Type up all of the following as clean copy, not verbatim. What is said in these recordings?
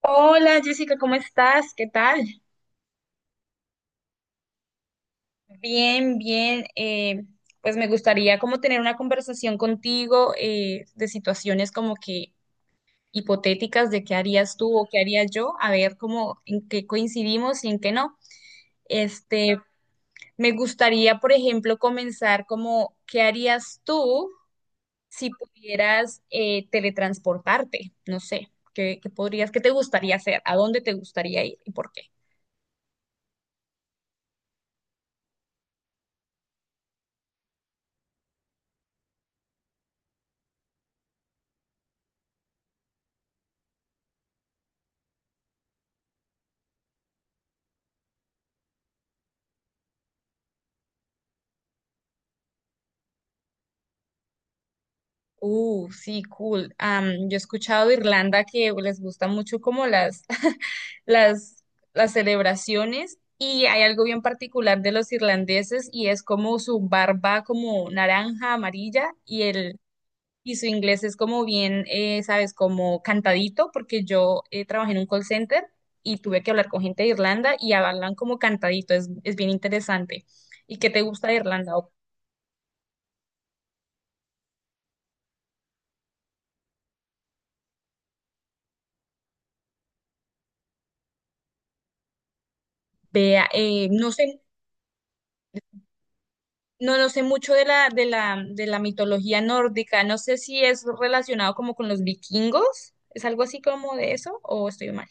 Hola Jessica, ¿cómo estás? ¿Qué tal? Bien, bien. Pues me gustaría como tener una conversación contigo de situaciones como que hipotéticas de qué harías tú o qué haría yo, a ver cómo en qué coincidimos y en qué no. Este, me gustaría, por ejemplo, comenzar como qué harías tú si pudieras teletransportarte. No sé, ¿qué podrías, qué te gustaría hacer? ¿A dónde te gustaría ir y por qué? Sí, cool. Yo he escuchado de Irlanda que les gusta mucho como las, las, las celebraciones y hay algo bien particular de los irlandeses y es como su barba como naranja, amarilla y su inglés es como bien, sabes, como cantadito porque yo trabajé en un call center y tuve que hablar con gente de Irlanda y hablan como cantadito, es bien interesante. ¿Y qué te gusta de Irlanda? O vea, no sé. No, no sé mucho de la mitología nórdica. No sé si es relacionado como con los vikingos. ¿Es algo así como de eso? ¿O estoy mal?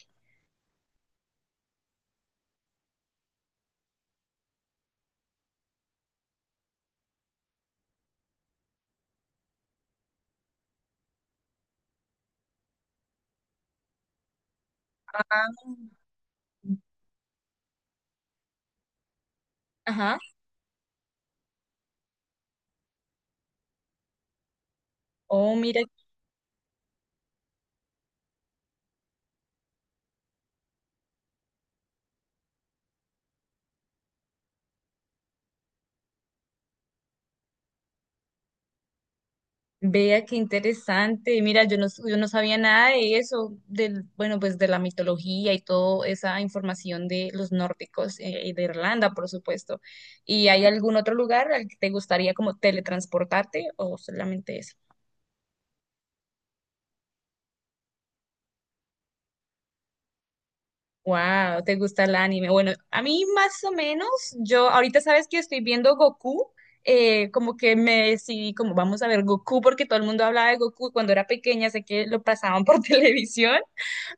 Ah. Ajá. Oh, mira, vea qué interesante. Mira, yo no sabía nada de eso, bueno, pues de la mitología y toda esa información de los nórdicos, y de Irlanda, por supuesto. ¿Y hay algún otro lugar al que te gustaría como teletransportarte o solamente ese? Wow, ¿te gusta el anime? Bueno, a mí más o menos, yo ahorita sabes que estoy viendo Goku. Como que me decidí, como vamos a ver Goku, porque todo el mundo hablaba de Goku cuando era pequeña, sé que lo pasaban por televisión,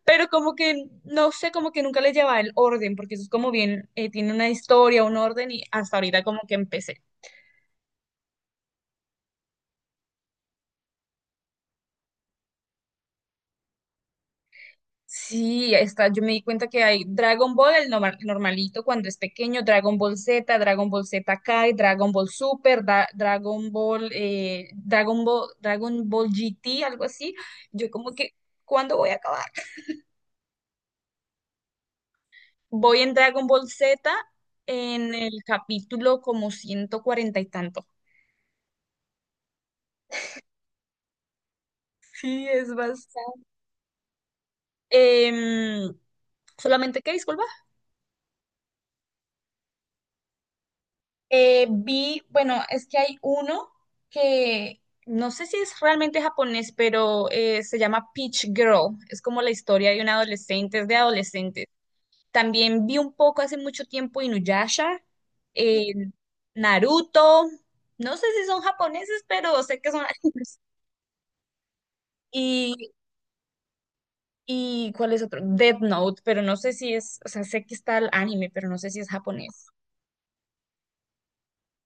pero como que no sé, como que nunca le llevaba el orden, porque eso es como bien, tiene una historia, un orden, y hasta ahorita como que empecé. Sí, está, yo me di cuenta que hay Dragon Ball, el normalito cuando es pequeño, Dragon Ball Z, Dragon Ball Z Kai, Dragon Ball Super, Dragon Ball, Dragon Ball GT, algo así. Yo como que, ¿cuándo voy a acabar? Voy en Dragon Ball Z en el capítulo como 140 y tanto. Sí, es bastante. Em, solamente que, disculpa. Vi, bueno, es que hay uno que no sé si es realmente japonés, pero se llama Peach Girl. Es como la historia de un adolescente, es de adolescentes. También vi un poco hace mucho tiempo Inuyasha, eh, Naruto. No sé si son japoneses, pero sé que son animes. Y, y ¿cuál es otro? Death Note, pero no sé si es, o sea, sé que está el anime, pero no sé si es japonés.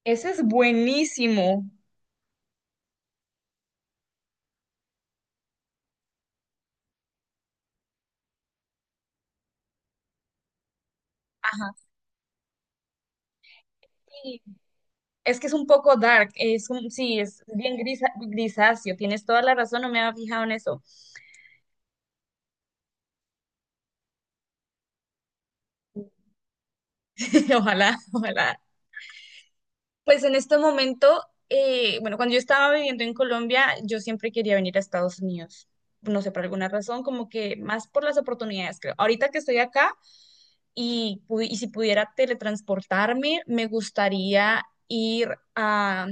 Ese es buenísimo. Ajá. Es que es un poco dark, sí, es bien grisáceo, tienes toda la razón, no me había fijado en eso. Ojalá, ojalá. Pues en este momento, bueno, cuando yo estaba viviendo en Colombia, yo siempre quería venir a Estados Unidos. No sé, por alguna razón, como que más por las oportunidades, creo. Ahorita que estoy acá, y si pudiera teletransportarme, me gustaría ir a.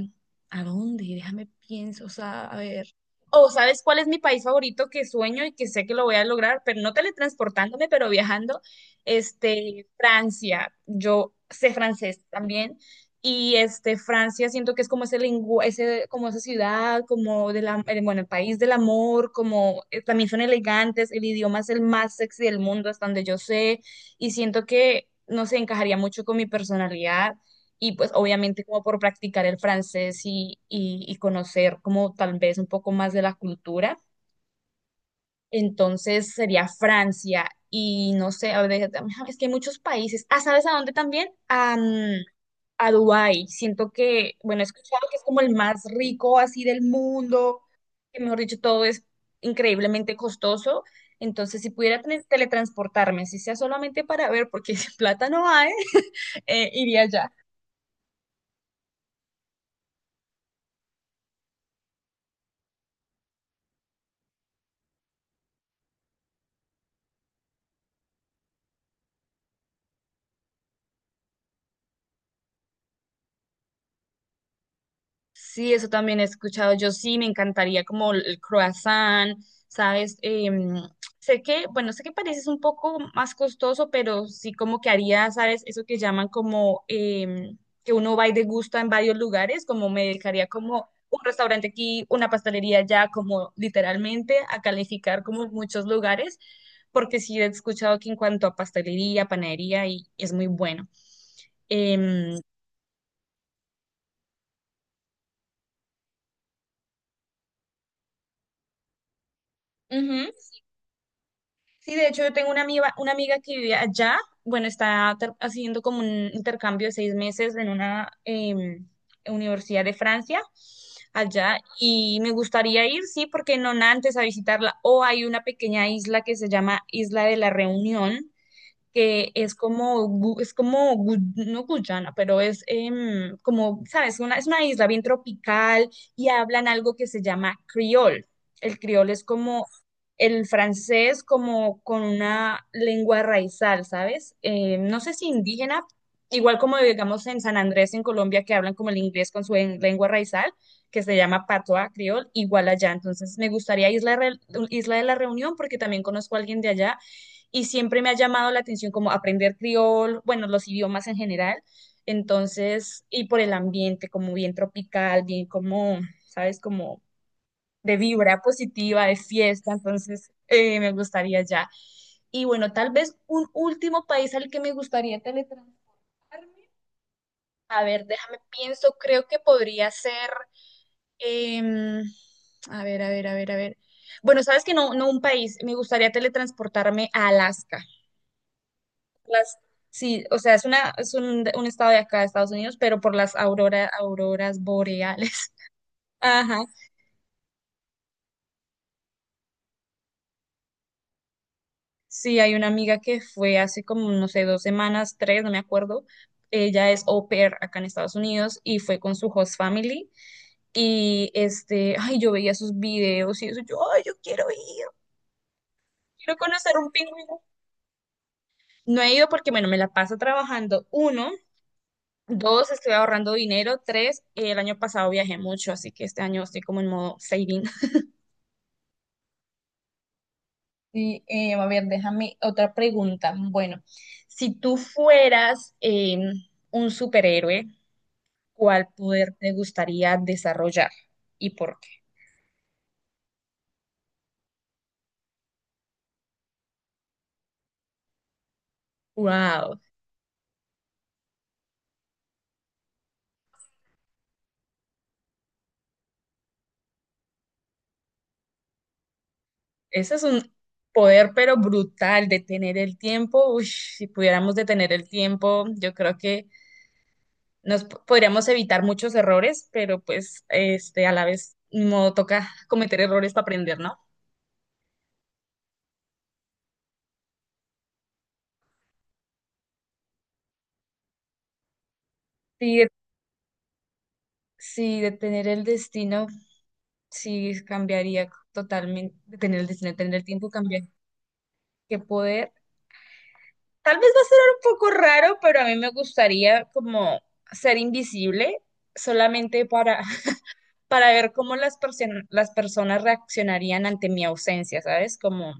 ¿A dónde? Déjame pienso, o sea, a ver. O ¿sabes cuál es mi país favorito que sueño y que sé que lo voy a lograr? Pero no teletransportándome, pero viajando. Este, Francia. Yo sé francés también. Y este, Francia siento que es como ese lengua, ese, como esa ciudad, como de la, bueno, el país del amor, como también son elegantes, el idioma es el más sexy del mundo, hasta donde yo sé, y siento que no se encajaría mucho con mi personalidad y pues obviamente como por practicar el francés y conocer como tal vez un poco más de la cultura. Entonces sería Francia y no sé, a ver, es que hay muchos países. Ah, ¿sabes a dónde también? A Dubái. Siento que, bueno, he escuchado que es como el más rico así del mundo, que mejor dicho, todo es increíblemente costoso. Entonces, si pudiera teletransportarme, si sea solamente para ver, porque sin plata no hay, iría allá. Sí, eso también he escuchado. Yo sí me encantaría como el croissant, ¿sabes? Em, Sé que, bueno, sé que parece es un poco más costoso, pero sí como que haría, ¿sabes? Eso que llaman como que uno va y degusta en varios lugares, como me dedicaría como un restaurante aquí, una pastelería allá, como literalmente a calificar como muchos lugares, porque sí he escuchado que en cuanto a pastelería, panadería, y es muy bueno. Em, Sí, de hecho yo tengo una amiga que vive allá, bueno, está haciendo como un intercambio de 6 meses en una universidad de Francia, allá, y me gustaría ir, sí, porque no antes a visitarla, o hay una pequeña isla que se llama Isla de la Reunión, que es como, es como, no Guyana, pero es como, ¿sabes? Es una isla bien tropical y hablan algo que se llama criol. El criol es como el francés, como con una lengua raizal, ¿sabes? No sé si indígena, igual como digamos en San Andrés, en Colombia, que hablan como el inglés con su lengua raizal, que se llama patois criol, igual allá. Entonces me gustaría Isla de la Reunión porque también conozco a alguien de allá y siempre me ha llamado la atención como aprender criol, bueno, los idiomas en general. Entonces, y por el ambiente, como bien tropical, bien como, ¿sabes? Como de vibra positiva, de fiesta. Entonces, me gustaría ya. Y bueno, tal vez un último país al que me gustaría teletransportarme. A ver, déjame pienso, creo que podría ser, em, a ver, a ver, a ver, a ver. Bueno, sabes que no un país, me gustaría teletransportarme a Alaska. las, sí, o sea, es una, es un estado de acá de Estados Unidos, pero por las auroras boreales. Ajá. Sí, hay una amiga que fue hace como, no sé, 2 semanas, tres, no me acuerdo. Ella es au pair acá en Estados Unidos y fue con su host family. Y este, ay, yo veía sus videos y eso, yo, ay, yo quiero ir, quiero conocer un pingüino. No he ido porque, bueno, me la paso trabajando. Uno, dos, estoy ahorrando dinero. Tres, el año pasado viajé mucho, así que este año estoy como en modo saving. Sí, a ver, déjame otra pregunta. Bueno, si tú fueras un superhéroe, ¿cuál poder te gustaría desarrollar y por qué? Wow, ese es un poder pero brutal, detener el tiempo. Uy, si pudiéramos detener el tiempo, yo creo que nos podríamos evitar muchos errores, pero pues este a la vez no toca cometer errores para aprender, ¿no? Sí, sí, detener el destino. Sí, cambiaría totalmente, tener el tiempo, cambiar que poder. Tal vez va a ser un poco raro, pero a mí me gustaría como ser invisible solamente para, para ver cómo las personas reaccionarían ante mi ausencia, ¿sabes? Como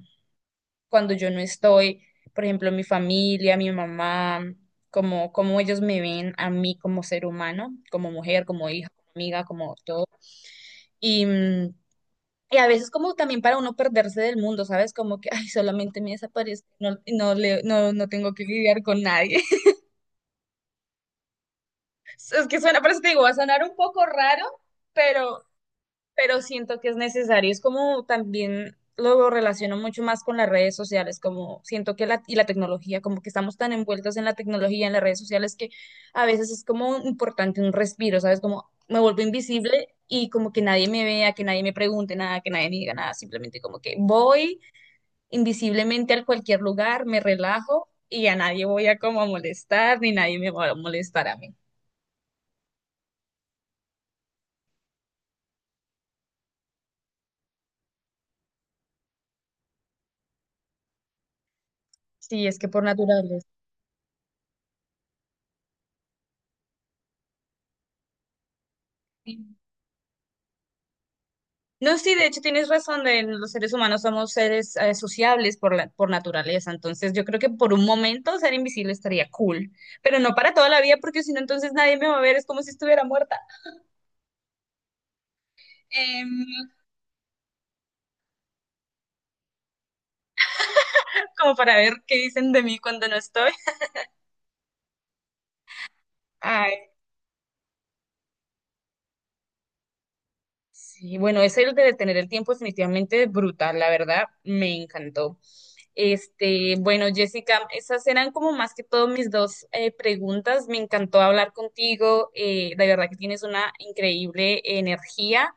cuando yo no estoy, por ejemplo, mi familia, mi mamá, como, cómo ellos me ven a mí como ser humano, como mujer, como hija, como amiga, como todo. Y, mm, Y a veces como también para uno perderse del mundo, ¿sabes? Como que, ay, solamente me desaparezco, no, y no, no tengo que lidiar con nadie. Es que suena, por eso te digo, va a sonar un poco raro, pero, pero siento que es necesario. Es como también lo relaciono mucho más con las redes sociales, como siento que y la tecnología, como que estamos tan envueltos en la tecnología, en las redes sociales, que a veces es como importante un respiro, ¿sabes? Como me vuelvo invisible y como que nadie me vea, que nadie me pregunte nada, que nadie me diga nada, simplemente como que voy invisiblemente a cualquier lugar, me relajo y a nadie voy a como a molestar, ni nadie me va a molestar a mí. Sí, es que por naturaleza. Sí. No, sí, de hecho tienes razón, de los seres humanos somos seres sociables por naturaleza, entonces yo creo que por un momento ser invisible estaría cool, pero no para toda la vida porque si no entonces nadie me va a ver, es como si estuviera muerta. Em, como para ver qué dicen de mí cuando no estoy. Sí, bueno, es el de detener el tiempo definitivamente es brutal, la verdad, me encantó. Este, bueno, Jessica, esas eran como más que todo mis dos preguntas. Me encantó hablar contigo. De verdad que tienes una increíble energía.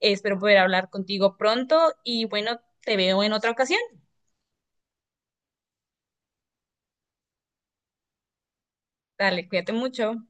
Espero poder hablar contigo pronto y bueno, te veo en otra ocasión. Dale, cuídate mucho.